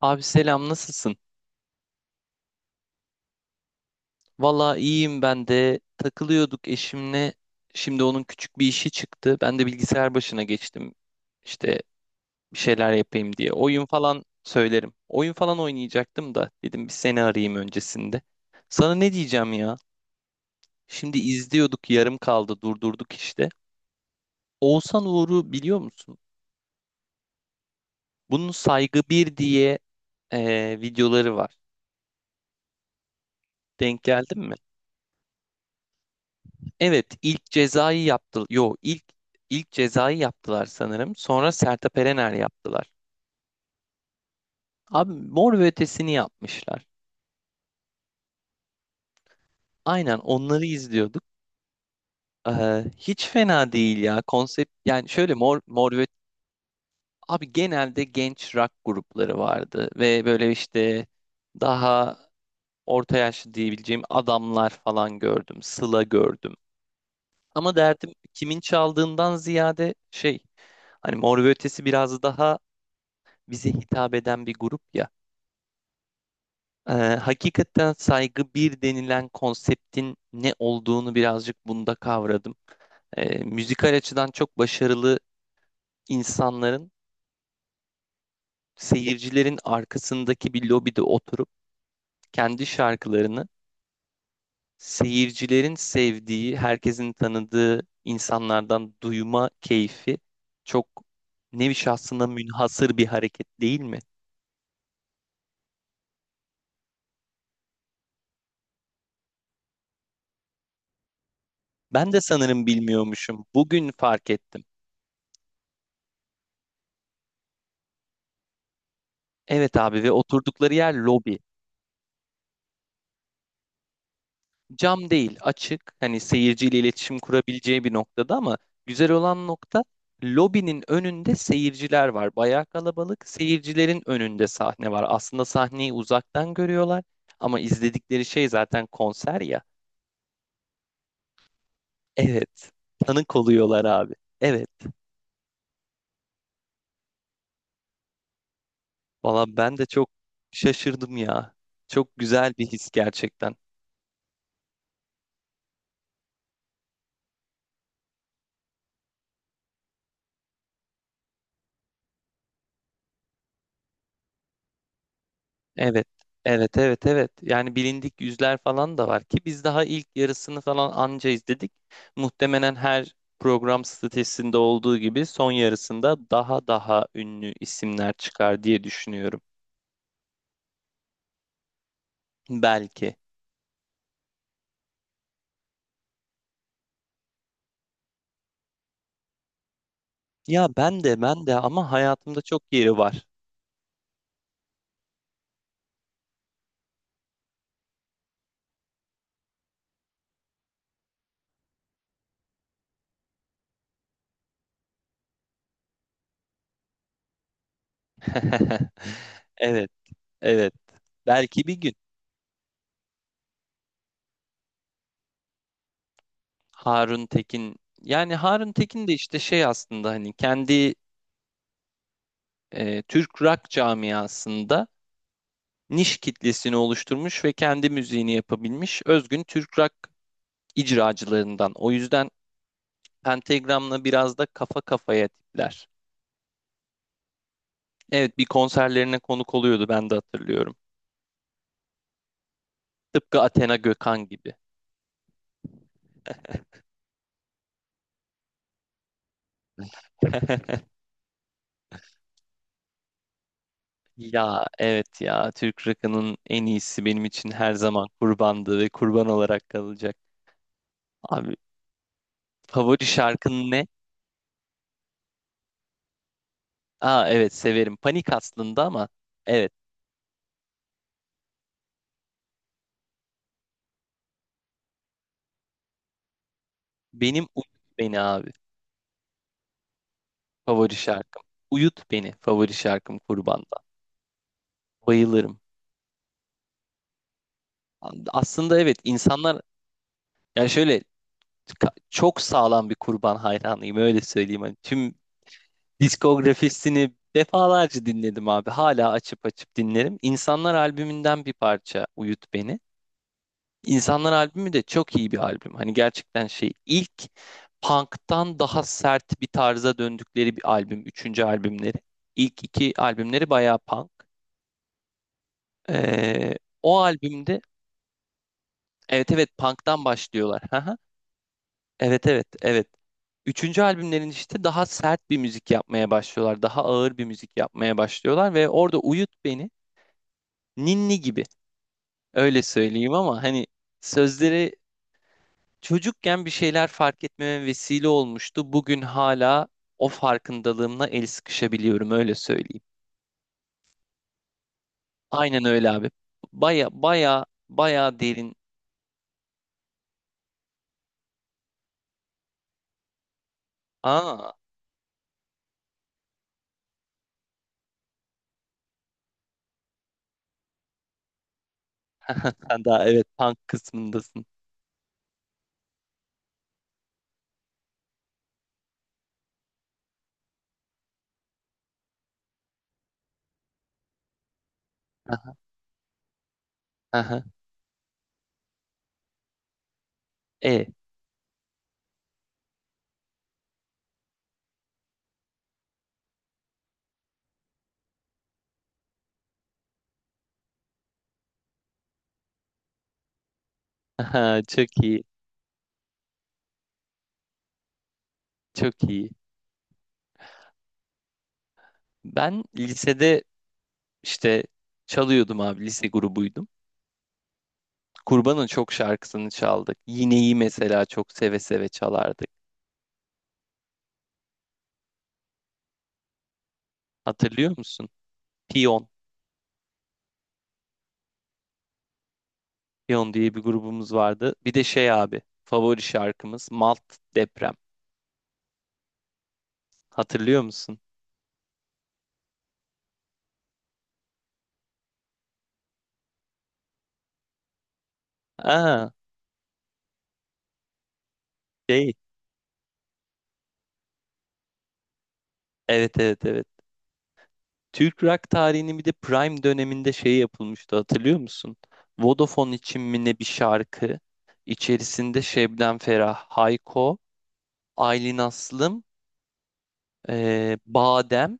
Abi selam nasılsın? Valla iyiyim ben de takılıyorduk eşimle. Şimdi onun küçük bir işi çıktı. Ben de bilgisayar başına geçtim. İşte bir şeyler yapayım diye. Oyun falan söylerim. Oyun falan oynayacaktım da dedim bir seni arayayım öncesinde. Sana ne diyeceğim ya? Şimdi izliyorduk yarım kaldı durdurduk işte. Oğuzhan Uğur'u biliyor musun? Bunun Saygı bir diye videoları var. Denk geldin mi? Evet, ilk cezayı yaptı. Yo, ilk cezayı yaptılar sanırım. Sonra Sertab Erener yaptılar. Abi Mor ve Ötesi'ni yapmışlar. Aynen onları izliyorduk. Hiç fena değil ya konsept. Yani şöyle Mor ve abi genelde genç rock grupları vardı ve böyle işte daha orta yaşlı diyebileceğim adamlar falan gördüm. Sıla gördüm. Ama derdim kimin çaldığından ziyade şey, hani Mor ve Ötesi biraz daha bize hitap eden bir grup ya. Hakikaten saygı bir denilen konseptin ne olduğunu birazcık bunda kavradım. Müzikal açıdan çok başarılı insanların, seyircilerin arkasındaki bir lobide oturup kendi şarkılarını seyircilerin sevdiği, herkesin tanıdığı insanlardan duyma keyfi, çok nevi şahsına münhasır bir hareket değil mi? Ben de sanırım bilmiyormuşum. Bugün fark ettim. Evet abi, ve oturdukları yer lobi. Cam değil, açık. Hani seyirciyle iletişim kurabileceği bir noktada, ama güzel olan nokta, lobinin önünde seyirciler var. Bayağı kalabalık. Seyircilerin önünde sahne var. Aslında sahneyi uzaktan görüyorlar ama izledikleri şey zaten konser ya. Evet. Tanık oluyorlar abi. Evet. Valla ben de çok şaşırdım ya. Çok güzel bir his gerçekten. Evet, evet, evet, evet. Yani bilindik yüzler falan da var ki biz daha ilk yarısını falan anca izledik. Muhtemelen her program statüsünde olduğu gibi son yarısında daha daha ünlü isimler çıkar diye düşünüyorum. Belki. Ya ben de ama hayatımda çok yeri var. Evet, evet. Belki bir gün Harun Tekin. Yani Harun Tekin de işte şey, aslında hani kendi Türk rock camiasında niş kitlesini oluşturmuş ve kendi müziğini yapabilmiş özgün Türk rock icracılarından. O yüzden Pentagram'la biraz da kafa kafaya tipler. Evet, bir konserlerine konuk oluyordu, ben de hatırlıyorum. Tıpkı Athena Gökhan gibi. Ya evet ya, Türk rock'ının en iyisi benim için her zaman Kurban'dı ve Kurban olarak kalacak. Abi favori şarkın ne? Aa evet, severim. Panik aslında ama evet, benim Unut Beni abi. Favori şarkım. Uyut beni favori şarkım Kurban'dan. Bayılırım. Aslında evet insanlar, yani şöyle, çok sağlam bir Kurban hayranıyım öyle söyleyeyim. Hani tüm diskografisini defalarca dinledim abi. Hala açıp açıp dinlerim. İnsanlar albümünden bir parça Uyut beni. İnsanlar albümü de çok iyi bir albüm. Hani gerçekten şey, ilk punk'tan daha sert bir tarza döndükleri bir albüm. Üçüncü albümleri. İlk iki albümleri bayağı punk. Ee, O albümde evet evet, punk'tan başlıyorlar. Haha. Evet evet evet. Üçüncü albümlerin işte daha sert bir müzik yapmaya başlıyorlar. Daha ağır bir müzik yapmaya başlıyorlar ve orada Uyut Beni ninni gibi, öyle söyleyeyim ama hani sözleri çocukken bir şeyler fark etmeme vesile olmuştu. Bugün hala o farkındalığımla el sıkışabiliyorum, öyle söyleyeyim. Aynen öyle abi. Baya baya baya derin. Aa, sen daha evet punk kısmındasın. Aha, e, aha, çok iyi, çok iyi. Ben lisede işte çalıyordum abi, lise grubuydum. Kurban'ın çok şarkısını çaldık. Yine'yi mesela çok seve seve çalardık. Hatırlıyor musun? Piyon, Piyon diye bir grubumuz vardı. Bir de şey abi, favori şarkımız Malt Deprem. Hatırlıyor musun? Aa, şey, evet evet evet. Türk rock tarihinin bir de prime döneminde şey yapılmıştı, hatırlıyor musun? Vodafone için mi ne, bir şarkı içerisinde Şebnem Ferah, Hayko, Aylin Aslım, Badem,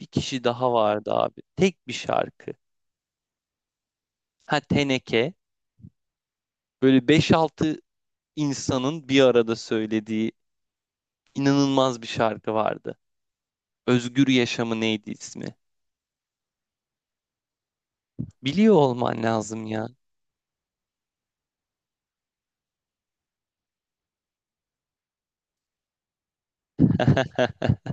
bir kişi daha vardı abi. Tek bir şarkı. Ha, Teneke. Böyle beş altı insanın bir arada söylediği inanılmaz bir şarkı vardı. Özgür Yaşamı, neydi ismi? Biliyor olman lazım ya.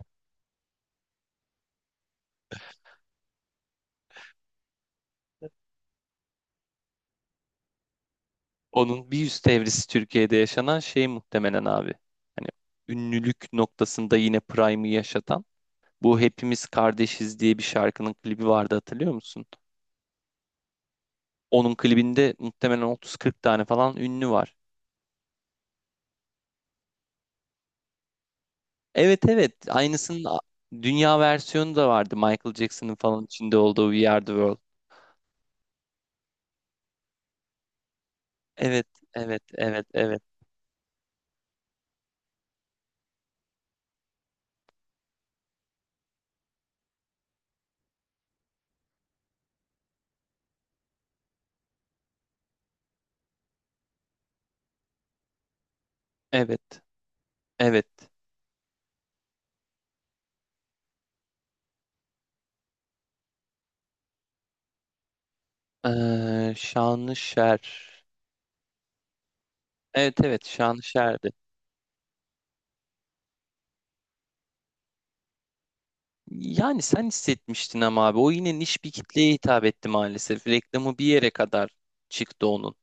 Onun bir üst evresi Türkiye'de yaşanan şey muhtemelen abi. Hani ünlülük noktasında yine Prime'ı yaşatan bu Hepimiz Kardeşiz diye bir şarkının klibi vardı, hatırlıyor musun? Onun klibinde muhtemelen 30-40 tane falan ünlü var. Evet evet, aynısının dünya versiyonu da vardı, Michael Jackson'ın falan içinde olduğu We Are The World. Evet evet evet evet evet evet. Şanlışer. Evet evet, Şanlışer'di. Yani sen hissetmiştin ama abi, o yine niş bir kitleye hitap etti maalesef. Reklamı bir yere kadar çıktı onun.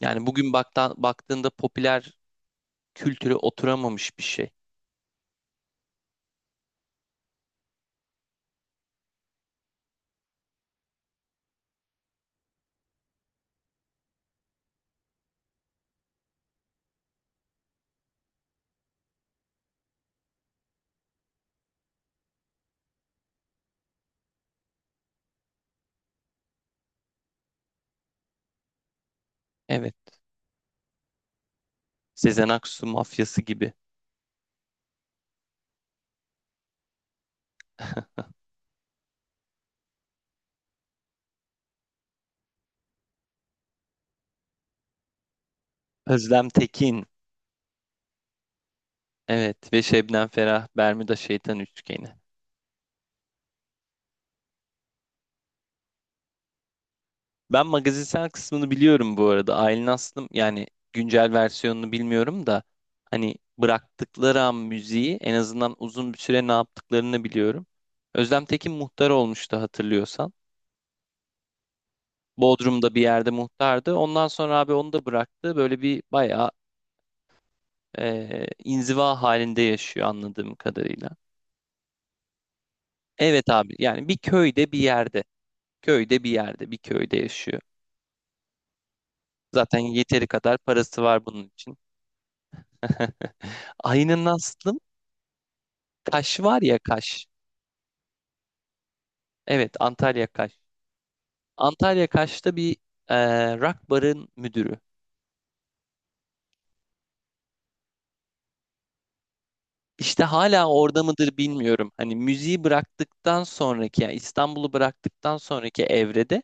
Yani bugün baktığında popüler kültüre oturamamış bir şey. Evet. Sezen Aksu mafyası gibi. Özlem Tekin. Evet, ve Şebnem Ferah Bermuda Şeytan Üçgeni. Ben magazinsel kısmını biliyorum bu arada. Aylin Aslım yani güncel versiyonunu bilmiyorum da hani bıraktıkları an müziği, en azından uzun bir süre ne yaptıklarını biliyorum. Özlem Tekin muhtar olmuştu, hatırlıyorsan. Bodrum'da bir yerde muhtardı. Ondan sonra abi onu da bıraktı. Böyle bir bayağı inziva halinde yaşıyor, anladığım kadarıyla. Evet abi, yani bir köyde bir yerde. Köyde bir yerde, bir köyde yaşıyor. Zaten yeteri kadar parası var bunun için. Aynen Aslım. Kaş var ya, Kaş. Evet, Antalya Kaş. Antalya Kaş'ta bir e, rock barın müdürü. İşte hala orada mıdır, bilmiyorum. Hani müziği bıraktıktan sonraki, yani İstanbul'u bıraktıktan sonraki evrede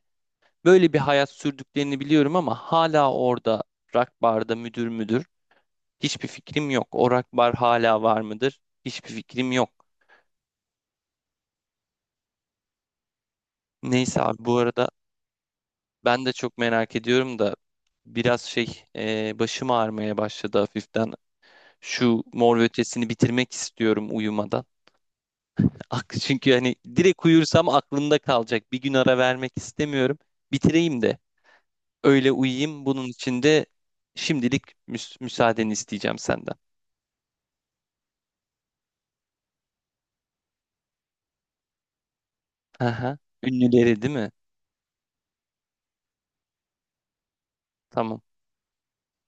böyle bir hayat sürdüklerini biliyorum ama hala orada rock barda müdür. Hiçbir fikrim yok. O rock bar hala var mıdır? Hiçbir fikrim yok. Neyse abi, bu arada ben de çok merak ediyorum da biraz şey, başım ağrımaya başladı hafiften. Şu Mor ve Ötesi'ni bitirmek istiyorum uyumadan. Çünkü hani direkt uyursam aklımda kalacak. Bir gün ara vermek istemiyorum. Bitireyim de öyle uyuyayım. Bunun için de şimdilik müsaadeni isteyeceğim senden. Aha. Ünlüleri değil mi? Tamam.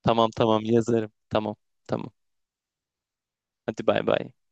Tamam tamam yazarım. Tamam. Tamam. Hadi bay bay.